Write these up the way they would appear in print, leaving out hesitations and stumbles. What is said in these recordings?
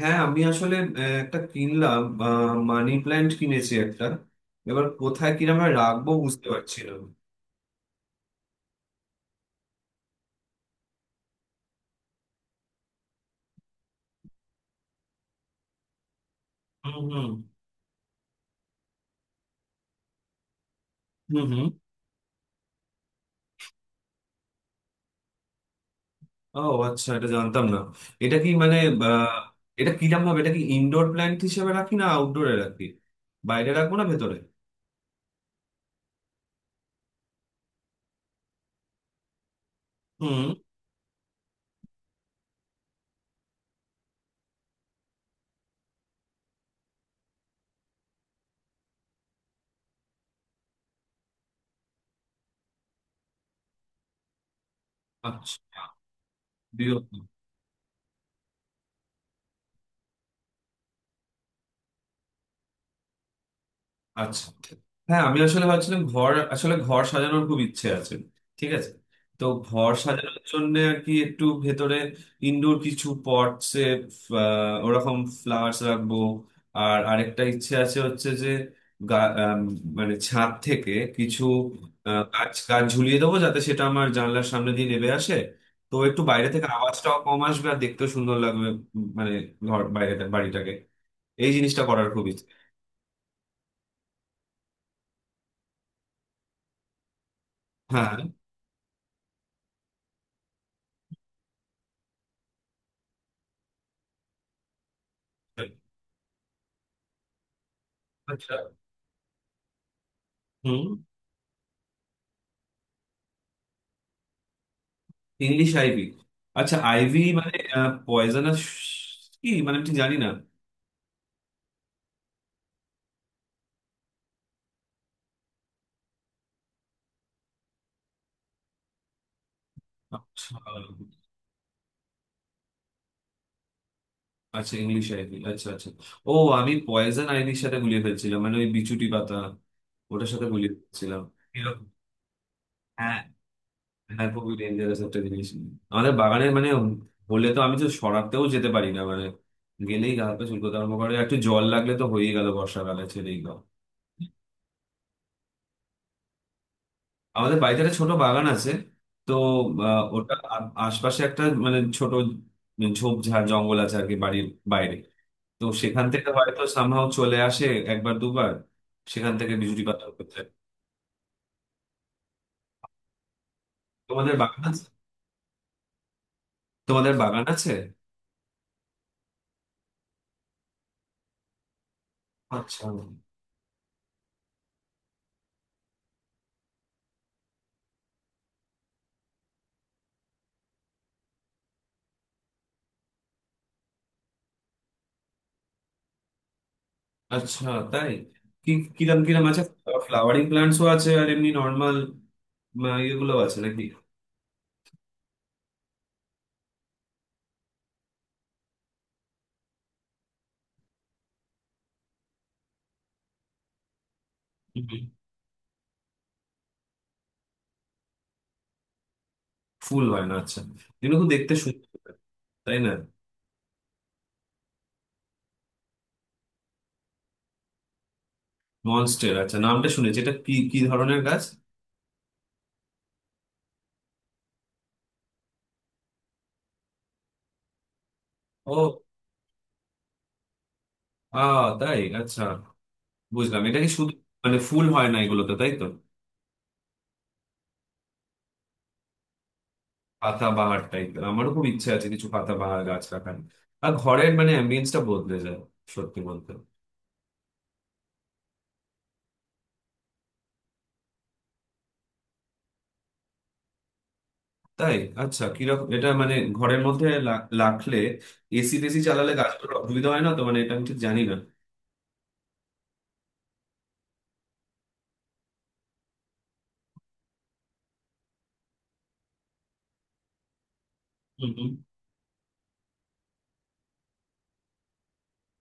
হ্যাঁ, আমি আসলে একটা কিনলাম। মানি প্ল্যান্ট কিনেছি একটা। এবার কোথায় কিরমে রাখবো বুঝতে পারছি না। হুম হুম হুম হুম ও, আচ্ছা, এটা জানতাম না। এটা কি মানে আহ, এটা কিরম ভাবে, এটা কি ইনডোর প্ল্যান্ট হিসেবে রাখি না আউটডোরে রাখি? বাইরে রাখবো না ভেতরে? হুম। আচ্ছা। বিরক্ত। আচ্ছা। হ্যাঁ, আমি আসলে ভাবছিলাম ঘর, আসলে ঘর সাজানোর খুব ইচ্ছে আছে। ঠিক আছে, তো ঘর সাজানোর জন্য আর কি একটু ভেতরে ইনডোর কিছু পটসে ওরকম ফ্লাওয়ার্স রাখবো। আর আরেকটা ইচ্ছে আছে হচ্ছে যে গা- আম, মানে ছাদ থেকে কিছু গাছ গাছ ঝুলিয়ে দেবো যাতে সেটা আমার জানলার সামনে দিয়ে নেবে আসে। তো একটু বাইরে থেকে আওয়াজটাও কম আসবে আর দেখতেও সুন্দর লাগবে। মানে ঘর বাইরে বাড়িটাকে এই জিনিসটা করার খুব ইচ্ছে। হ্যাঁ। আচ্ছা। হুম। English ivy. আচ্ছা, আইভি মানে পয়জনাস কি মানে, আমি ঠিক জানি না। আচ্ছা আচ্ছা, ইংলিশ আইভি, আচ্ছা আচ্ছা। ও, আমি পয়জন আইভির সাথে গুলিয়ে ফেলছিলাম, মানে ওই বিচুটি পাতা, ওটার সাথে গুলিয়ে ফেলছিলাম, এরকম। হ্যাঁ। হ্যাঁ, খুবই ডেঞ্জারাস একটা জিনিস। আমাদের বাগানে মানে হলে তো আমি তো সরাতেও যেতে পারি না, মানে গেলেই গা হাত পা চুলকোতে আরম্ভ করে, একটু জল লাগলে তো হয়েই গেল, বর্ষাকালে ছেড়েই গেল। আমাদের বাড়িতে একটা ছোট বাগান আছে। তো ওটা আশপাশে একটা মানে ছোট ঝোপঝাড় জঙ্গল আছে আর কি বাড়ির বাইরে। তো সেখান থেকে হয়তো সামহাও চলে আসে একবার দুবার, সেখান থেকে বিজুটি পাতা করতে। তোমাদের বাগান আছে? তোমাদের বাগান আছে? আচ্ছা আচ্ছা। তাই? কি কিরম কিরম আছে? ফ্লাওয়ারিং প্ল্যান্টসও আছে আর এমনি নর্মাল ইয়েগুলো আছে নাকি? হুম। ফুল হয় না, আচ্ছা। এগুলো তো দেখতে সুন্দর, তাই না? মনস্টের, আচ্ছা, নামটা শুনেছি। এটা কি কি ধরনের গাছ? ও। আ, তাই, আচ্ছা। বুঝলাম, এটা কি শুধু মানে ফুল হয় না এগুলোতে, তাই তো? পাতাবাহার টাইপ আমারও খুব ইচ্ছে আছে কিছু পাতাবাহার গাছ রাখার। আর ঘরের মানে অ্যাম্বিয়েন্সটা বদলে যায় সত্যি বলতে। তাই? আচ্ছা, কিরকম এটা মানে ঘরের মধ্যে রাখলে এসি টেসি চালালে গাছগুলোর অসুবিধা হয় না তো? মানে এটা আমি ঠিক জানি না। হুম হুম।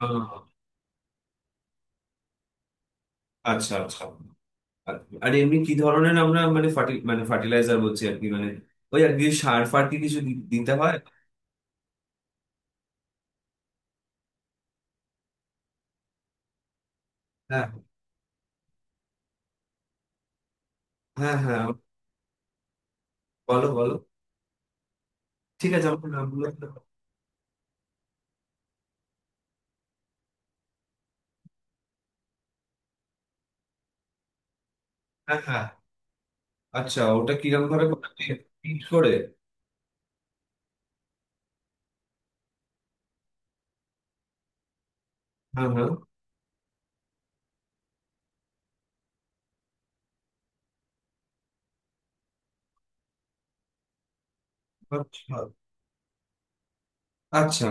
আহ, আচ্ছা আচ্ছা। আর আর এমনি কি ধরনের আমরা মানে মানে ফার্টিলাইজার বলছি আর কি, মানে ওই আর কি সার ফার কি কিছু দিতে হয়? হ্যাঁ হ্যাঁ হ্যাঁ বলো বলো। ঠিক আছে, আমাকে নামগুলো একটু বলো। হ্যাঁ হ্যাঁ। আচ্ছা, ওটা কিরম ভাবে হিট করে? হ্যাঁ হ্যাঁ। আচ্ছা আচ্ছা,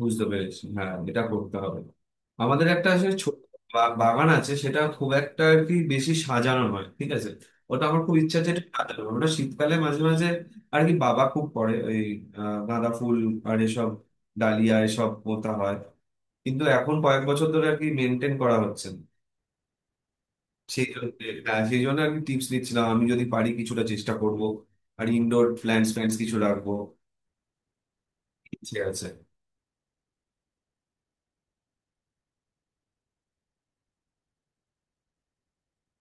বুঝতে পেরেছি। হ্যাঁ, এটা করতে হবে। আমাদের একটা আসলে ছোট বাগান আছে, সেটা খুব একটা আর কি বেশি সাজানো নয়। ঠিক আছে, ওটা আমার খুব ইচ্ছা আছে এটা সাজানো। ওটা শীতকালে মাঝে মাঝে আর কি বাবা খুব করে ওই গাঁদা ফুল আর এসব ডালিয়া এসব পোঁতা হয়, কিন্তু এখন কয়েক বছর ধরে আর কি মেনটেন করা হচ্ছে না। সেই জন্য। হ্যাঁ সেই জন্য আর কি টিপস দিচ্ছিলাম, আমি যদি পারি কিছুটা চেষ্টা করব। আর ইনডোর প্ল্যান্টস প্ল্যান্টস কিছু রাখবো, ইচ্ছে আছে।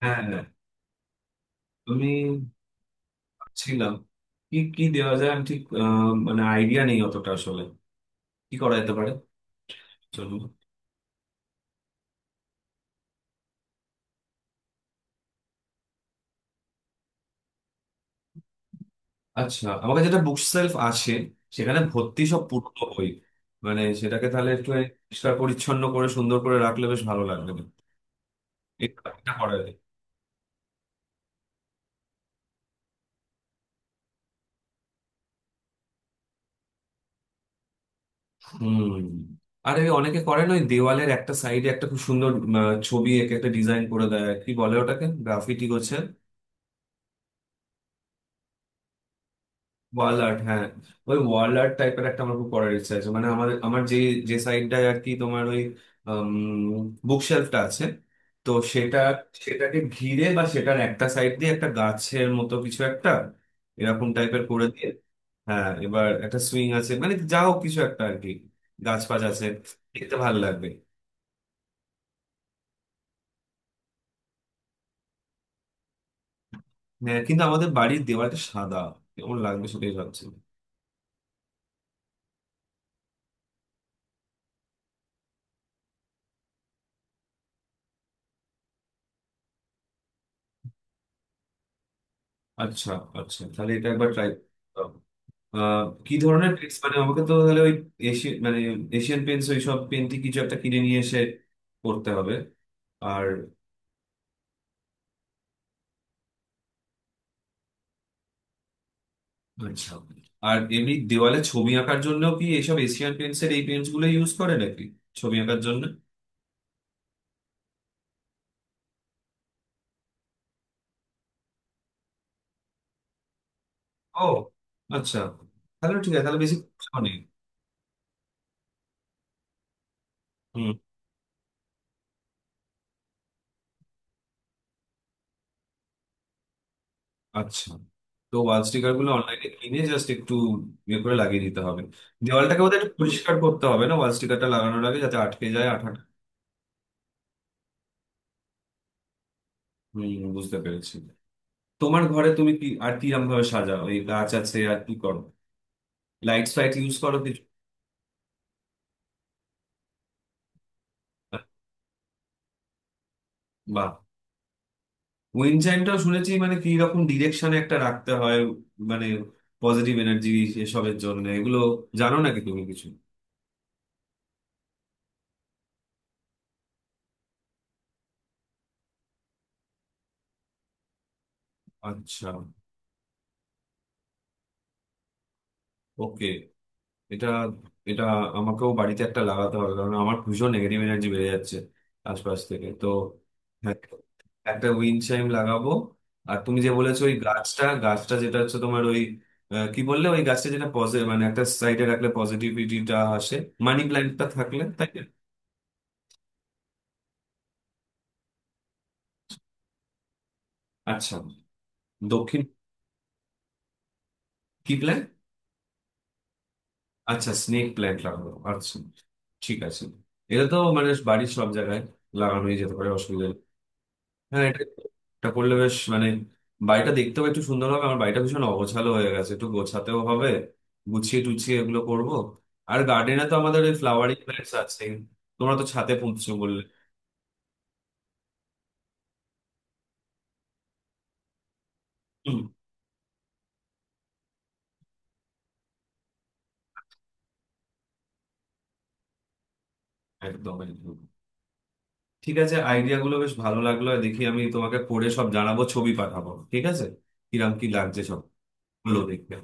হ্যাঁ তুমি ছিলাম। কি কি দেওয়া যায় আমি ঠিক মানে আইডিয়া নেই অতটা আসলে কি করা যেতে পারে। চলুন। আচ্ছা, আমার কাছে যেটা বুক সেলফ আছে সেখানে ভর্তি সব পুরনো বই। মানে সেটাকে তাহলে একটু পরিষ্কার পরিচ্ছন্ন করে সুন্দর করে রাখলে বেশ ভালো লাগবে। এটা এটা করা যেতে। হুম। আর এই অনেকে করে না ওই দেওয়ালের একটা সাইডে একটা খুব সুন্দর ছবি এঁকে একটা ডিজাইন করে দেয়, আর কি বলে ওটাকে গ্রাফিটি করছে। ওয়াল আর্ট, হ্যাঁ। ওই ওয়াল আর্ট টাইপের একটা আমার খুব করার ইচ্ছা আছে, মানে আমাদের আমার যে যে সাইডটায় আর কি তোমার ওই বুক শেলফটা আছে তো সেটা সেটাকে ঘিরে বা সেটার একটা সাইড দিয়ে একটা গাছের মতো কিছু একটা এরকম টাইপের করে দিয়ে। হ্যাঁ, এবার একটা সুইং আছে মানে যা হোক কিছু একটা আর কি গাছ ফাছ আছে, দেখতে ভালো লাগবে। হ্যাঁ, কিন্তু আমাদের বাড়ির দেওয়ালটা সাদা, কেমন লাগবে সেটাই ভাবছি। আচ্ছা আচ্ছা, তাহলে এটা একবার ট্রাই। আহ, কি ধরনের পেন্টস মানে আমাকে তো তাহলে ওই এশিয়ান মানে এশিয়ান পেন্টস ওই সব পেন্টই কিছু একটা কিনে নিয়ে এসে করতে হবে। আর আচ্ছা, আর এমনি দেওয়ালে ছবি আঁকার জন্য কি এসব এশিয়ান পেন্টসের এই পেন্টস গুলো ইউজ করে নাকি ছবি আঁকার জন্য? ও, আচ্ছা, তাহলে ঠিক আছে, তাহলে বেশি খরচাও নেই। আচ্ছা, তো ওয়াল স্টিকার গুলো অনলাইনে কিনে জাস্ট একটু ইয়ে করে লাগিয়ে দিতে হবে। দেওয়ালটাকে বোধহয় একটু পরিষ্কার করতে হবে না ওয়াল স্টিকারটা লাগানোর আগে, যাতে আটকে যায় আঠা। হম, বুঝতে পেরেছি। তোমার ঘরে তুমি কি আর কিরম ভাবে সাজাও? এই গাছ আছে, আর কি করো? লাইটস ফাইট ইউজ করো কিছু? বা, উইন্ড চাইমটাও শুনেছি মানে কি রকম ডিরেকশনে একটা রাখতে হয় মানে পজিটিভ এনার্জি এসবের জন্য এগুলো, জানো নাকি তুমি কিছু? আচ্ছা। ওকে। এটা এটা আমাকেও বাড়িতে একটা লাগাতে হবে কারণ আমার ভীষণ নেগেটিভ এনার্জি বেড়ে যাচ্ছে আশপাশ থেকে তো। হ্যাঁ, একটা উইন্ড চাইম লাগাবো। আর তুমি যে বলেছো ওই গাছটা গাছটা যেটা হচ্ছে তোমার ওই কি বললে ওই গাছটা যেটা পজিটিভ মানে একটা সাইডে রাখলে পজিটিভিটিটা আসে, মানি প্ল্যান্টটা থাকলে, তাই না? আচ্ছা, দক্ষিণ। কি প্ল্যান্ট? আচ্ছা, স্নেক প্ল্যান্ট লাগাবো, আচ্ছা। ঠিক আছে, এটা তো মানে বাড়ির সব জায়গায় লাগানোই যেতে পারে, অসুবিধা নেই। হ্যাঁ, এটা এটা করলে বেশ মানে বাড়িটা দেখতেও একটু সুন্দর হবে। আমার বাড়িটা ভীষণ অগোছালো হয়ে গেছে, একটু গোছাতেও হবে, গুছিয়ে টুছিয়ে এগুলো করব। আর গার্ডেনে তো আমাদের ওই ফ্লাওয়ারিং প্ল্যান্টস আছে। তোমরা তো ছাদে পুঁতছো বললে। হুম। একদম একদম। ঠিক আছে, আইডিয়া গুলো বেশ ভালো লাগলো। দেখি আমি তোমাকে পড়ে সব জানাবো, ছবি পাঠাবো, ঠিক আছে? কিরাম কি লাগছে সব গুলো দেখবে।